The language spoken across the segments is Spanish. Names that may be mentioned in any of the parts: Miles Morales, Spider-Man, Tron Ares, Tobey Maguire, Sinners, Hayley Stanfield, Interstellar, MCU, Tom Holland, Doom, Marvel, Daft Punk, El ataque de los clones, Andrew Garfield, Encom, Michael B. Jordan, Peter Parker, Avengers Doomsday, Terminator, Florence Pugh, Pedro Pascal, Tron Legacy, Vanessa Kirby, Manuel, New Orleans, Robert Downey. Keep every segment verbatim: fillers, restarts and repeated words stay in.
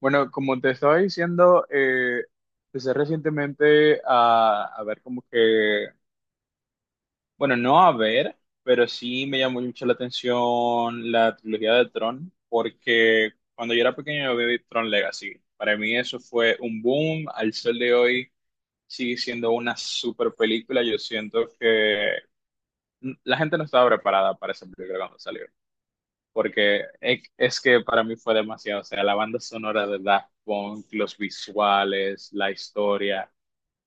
Bueno, como te estaba diciendo, eh, empecé recientemente a, a ver como que, bueno, no a ver, pero sí me llamó mucho la atención la trilogía de Tron, porque cuando yo era pequeño yo vi Tron Legacy. Para mí eso fue un boom, al sol de hoy sigue siendo una super película. Yo siento que la gente no estaba preparada para esa película cuando salió porque es, es que para mí fue demasiado, o sea, la banda sonora de Daft Punk, los visuales, la historia,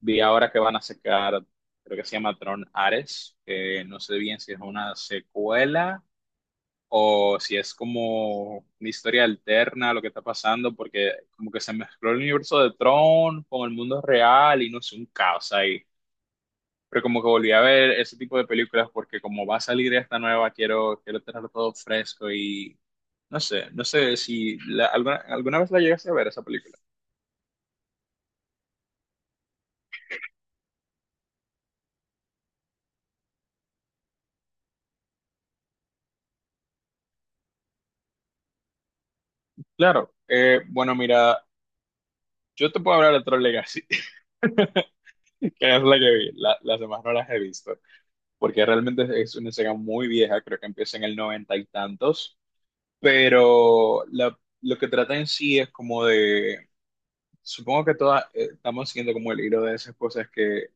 vi ahora que van a sacar, creo que se llama Tron Ares, que no sé bien si es una secuela o si es como una historia alterna a lo que está pasando, porque como que se mezcló el universo de Tron con el mundo real y no sé, un caos ahí, pero como que volví a ver ese tipo de películas porque como va a salir esta nueva, quiero, quiero tenerlo todo fresco y no sé, no sé si la- alguna, alguna vez la llegaste a ver esa película. Claro, eh, bueno, mira, yo te puedo hablar de Tron Legacy, que es la que vi, la- las demás no las he visto, porque realmente es una saga muy vieja, creo que empieza en el noventa y tantos, pero la- lo que trata en sí es como de... Supongo que todas eh, estamos siguiendo como el hilo de esas cosas que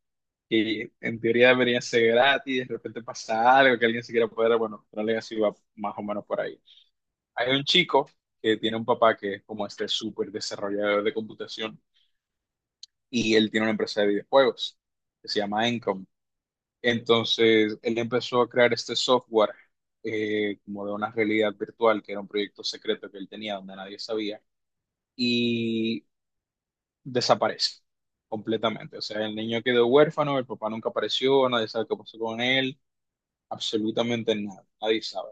y en teoría debería ser gratis, de repente pasa algo que alguien se quiera poder, bueno, Tron Legacy va más o menos por ahí. Hay un chico que tiene un papá que es como este súper desarrollador de computación y él tiene una empresa de videojuegos que se llama Encom. Entonces, él empezó a crear este software eh, como de una realidad virtual, que era un proyecto secreto que él tenía donde nadie sabía, y desaparece completamente. O sea, el niño quedó huérfano, el papá nunca apareció, nadie sabe qué pasó con él. Absolutamente nada, nadie sabe.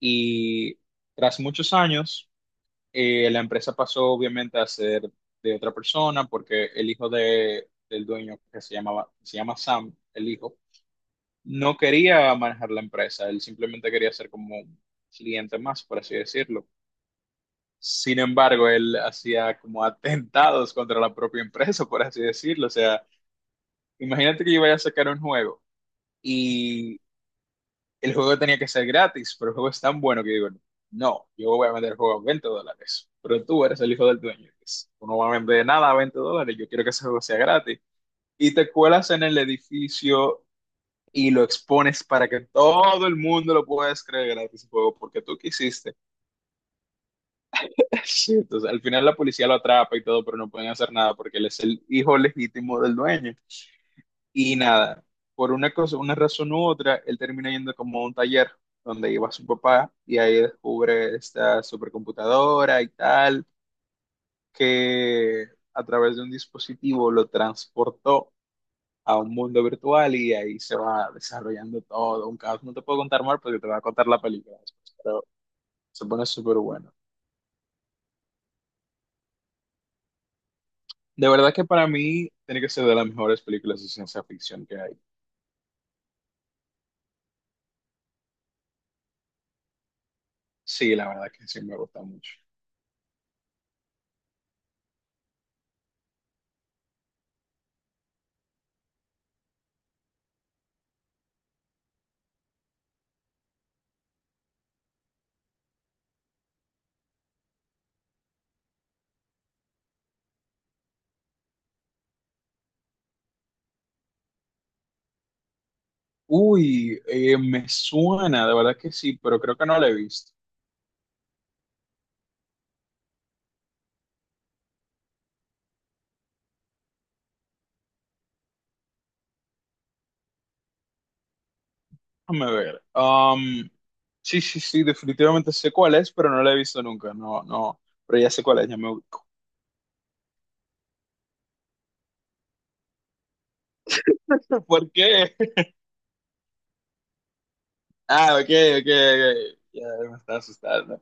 Y tras muchos años, eh, la empresa pasó obviamente a ser de otra persona porque el hijo de, del dueño, que se llamaba, se llama Sam, el hijo, no quería manejar la empresa, él simplemente quería ser como un cliente más, por así decirlo. Sin embargo, él hacía como atentados contra la propia empresa, por así decirlo. O sea, imagínate que yo vaya a sacar un juego y el juego tenía que ser gratis, pero el juego es tan bueno que digo, no, yo voy a vender el juego a veinte dólares, pero tú eres el hijo del dueño, pues, tú no vas a vender nada a veinte dólares, yo quiero que ese juego sea gratis. Y te cuelas en el edificio y lo expones para que todo el mundo lo pueda descargar gratis el juego porque tú quisiste. Sí, entonces, al final la policía lo atrapa y todo, pero no pueden hacer nada porque él es el hijo legítimo del dueño. Y nada, por una cosa, una razón u otra, él termina yendo como a un taller donde iba su papá y ahí descubre esta supercomputadora y tal, que a través de un dispositivo lo transportó a un mundo virtual y ahí se va desarrollando todo, un caos. No te puedo contar más porque te va a contar la película después, pero se pone súper bueno. De verdad que para mí tiene que ser de las mejores películas de ciencia ficción que hay. Sí, la verdad que sí me gusta mucho. Uy, eh, me suena, de verdad que sí, pero creo que no la he visto. Déjame ver. Am, sí, sí, sí, definitivamente sé cuál es, pero no la he visto nunca. No, no, pero ya sé cuál es, ya me ubico. ¿Por qué? Ah, ok, ok, ok. Ya me está asustando.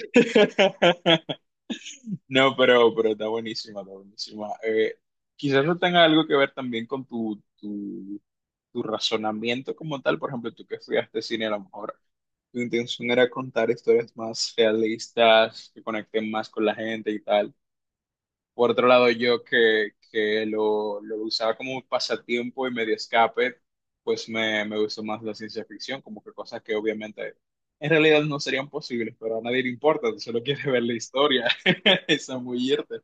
No, pero, pero está buenísima, está buenísima. Eh, quizás no tenga algo que ver también con tu, tu, tu razonamiento como tal. Por ejemplo, tú que estudiaste cine a lo mejor. Mi intención era contar historias más realistas, que conecten más con la gente y tal. Por otro lado, yo que, que lo, lo usaba como un pasatiempo y medio escape, pues me, me gustó más la ciencia ficción, como que cosas que obviamente en realidad no serían posibles, pero a nadie le importa, tú solo quieres ver la historia, es zambullirte.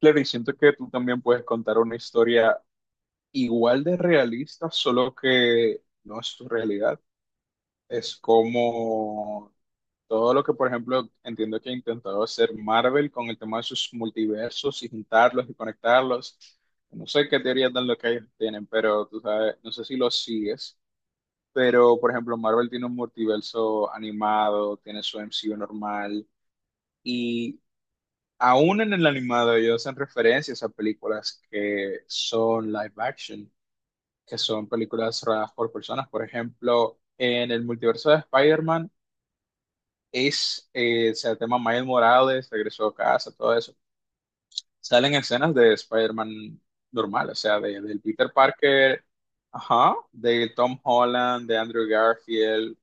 Claro, y siento que tú también puedes contar una historia igual de realista, solo que no es tu realidad. Es como todo lo que, por ejemplo, entiendo que ha intentado hacer Marvel con el tema de sus multiversos y juntarlos y conectarlos. No sé qué teorías tan locas ellos tienen, pero tú sabes, no sé si los sigues. Pero, por ejemplo, Marvel tiene un multiverso animado, tiene su M C U normal, y aún en el animado ellos hacen referencias a películas que son live action, que son películas rodadas por personas. Por ejemplo, en el multiverso de Spider-Man, Ace, eh, o sea, el tema Miles Morales, regresó a casa, todo eso. Salen escenas de Spider-Man normal, o sea, de, del Peter Parker, ajá, de Tom Holland, de Andrew Garfield,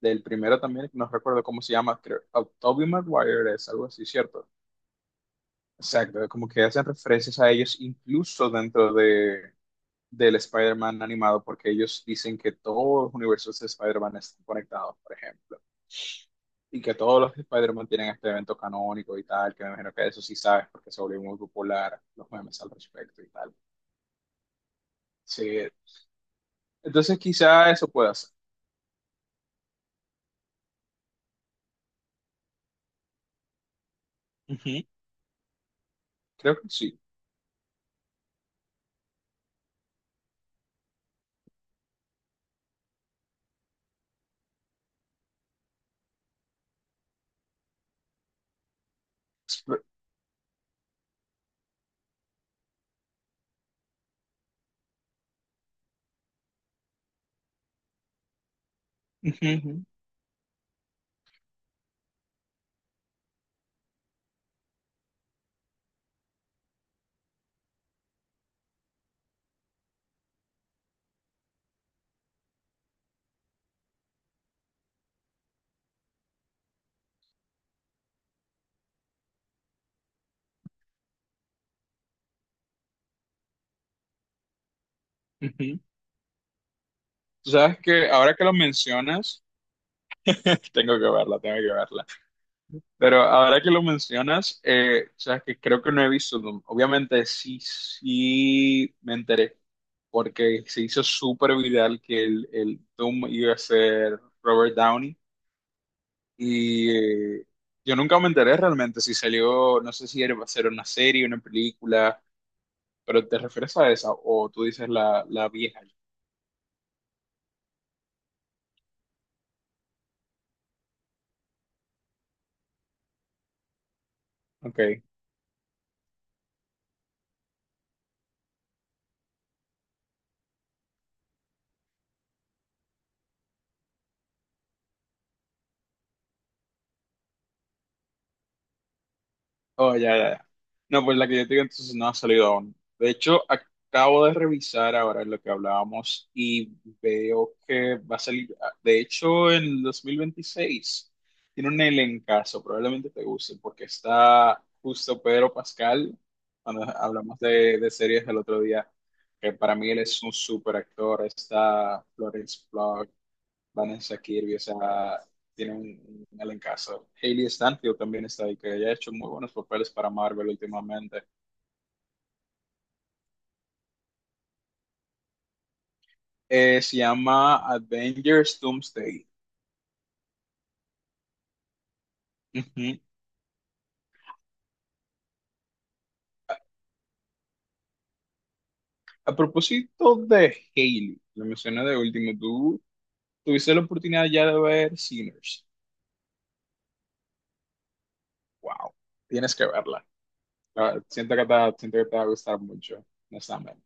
del primero también, que no recuerdo cómo se llama, creo, oh, Tobey Maguire es algo así, ¿cierto? Exacto, como que hacen referencias a ellos incluso dentro de, del Spider-Man animado, porque ellos dicen que todos los universos de Spider-Man están conectados, por ejemplo. Y que todos los Spider-Man tienen este evento canónico y tal, que me imagino que eso sí sabes, porque se volvió muy popular los memes al respecto y tal. Sí, entonces quizá eso pueda ser. Ujú, creo que sí. Espe- ujú, ujú. Tú sabes que ahora que lo mencionas, tengo que verla, tengo que verla. Pero ahora que lo mencionas, eh, sabes que creo que no he visto, Doom. Obviamente sí, sí me enteré, porque se hizo súper viral que el, el Doom iba a ser Robert Downey. Y eh, yo nunca me enteré realmente si salió, no sé si era, va a ser una serie, una película, pero ¿te refieres a esa? O tú dices la, la vieja. Ok. Oh, ya, ya, ya. No, pues la que yo te digo entonces no ha salido aún. De hecho, acabo de revisar ahora lo que hablábamos y veo que va a salir, ah, de hecho, en el dos mil veintiséis. Tiene un elencazo, probablemente te guste, porque está justo Pedro Pascal, cuando hablamos de, de series el otro día, que para mí él es un súper actor. Está Florence Pugh, Vanessa Kirby, o sea, tiene un, un elencazo. Hayley Stanfield también está ahí, que ella ha hecho muy buenos papeles para Marvel últimamente. Eh, se llama Avengers Doomsday. Ujú. A propósito de Hayley, lo mencioné de último, tú tuviste la oportunidad ya de ver Sinners. Wow, tienes que verla. Ah, Siento que te, siento que te va a gustar mucho, honestamente.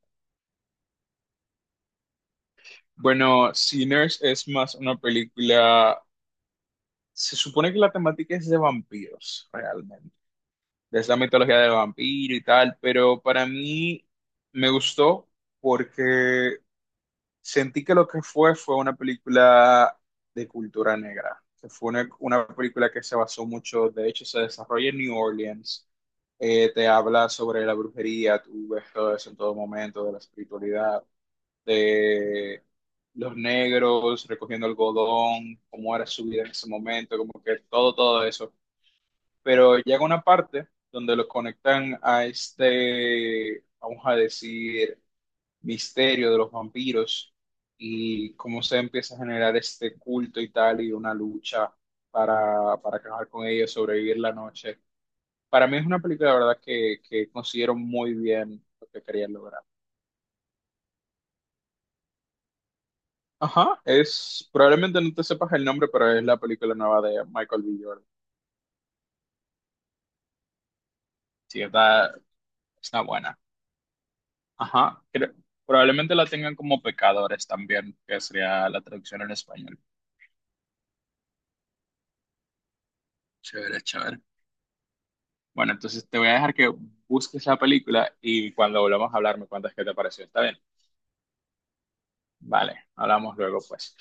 Bueno, Sinners es más una película, se supone que la temática es de vampiros, realmente de esa mitología del vampiro y tal, pero para mí me gustó porque sentí que lo que fue fue una película de cultura negra, que fue una, una película que se basó mucho, de hecho se desarrolla en New Orleans. Eh, te habla sobre la brujería, tú ves todo eso en todo momento, de la espiritualidad, de los negros recogiendo algodón, cómo era su vida en ese momento, como que todo, todo eso, pero llega una parte donde lo conectan a este, vamos a decir, misterio de los vampiros y cómo se empieza a generar este culto y tal y una lucha para, para acabar con ellos, sobrevivir la noche. Para mí es una película, la verdad, que, que considero muy bien lo que querían lograr. Ajá, es, probablemente no te sepas el nombre, pero es la película nueva de Michael B. Jordan. Sí, está, está buena. Ajá, creo- probablemente la tengan como pecadores también, que sería la traducción en español. Chévere, chévere. Bueno, entonces te voy a dejar que busques la película y cuando volvamos a hablar me cuentas qué te pareció. ¿Está bien? Vale, hablamos luego, pues.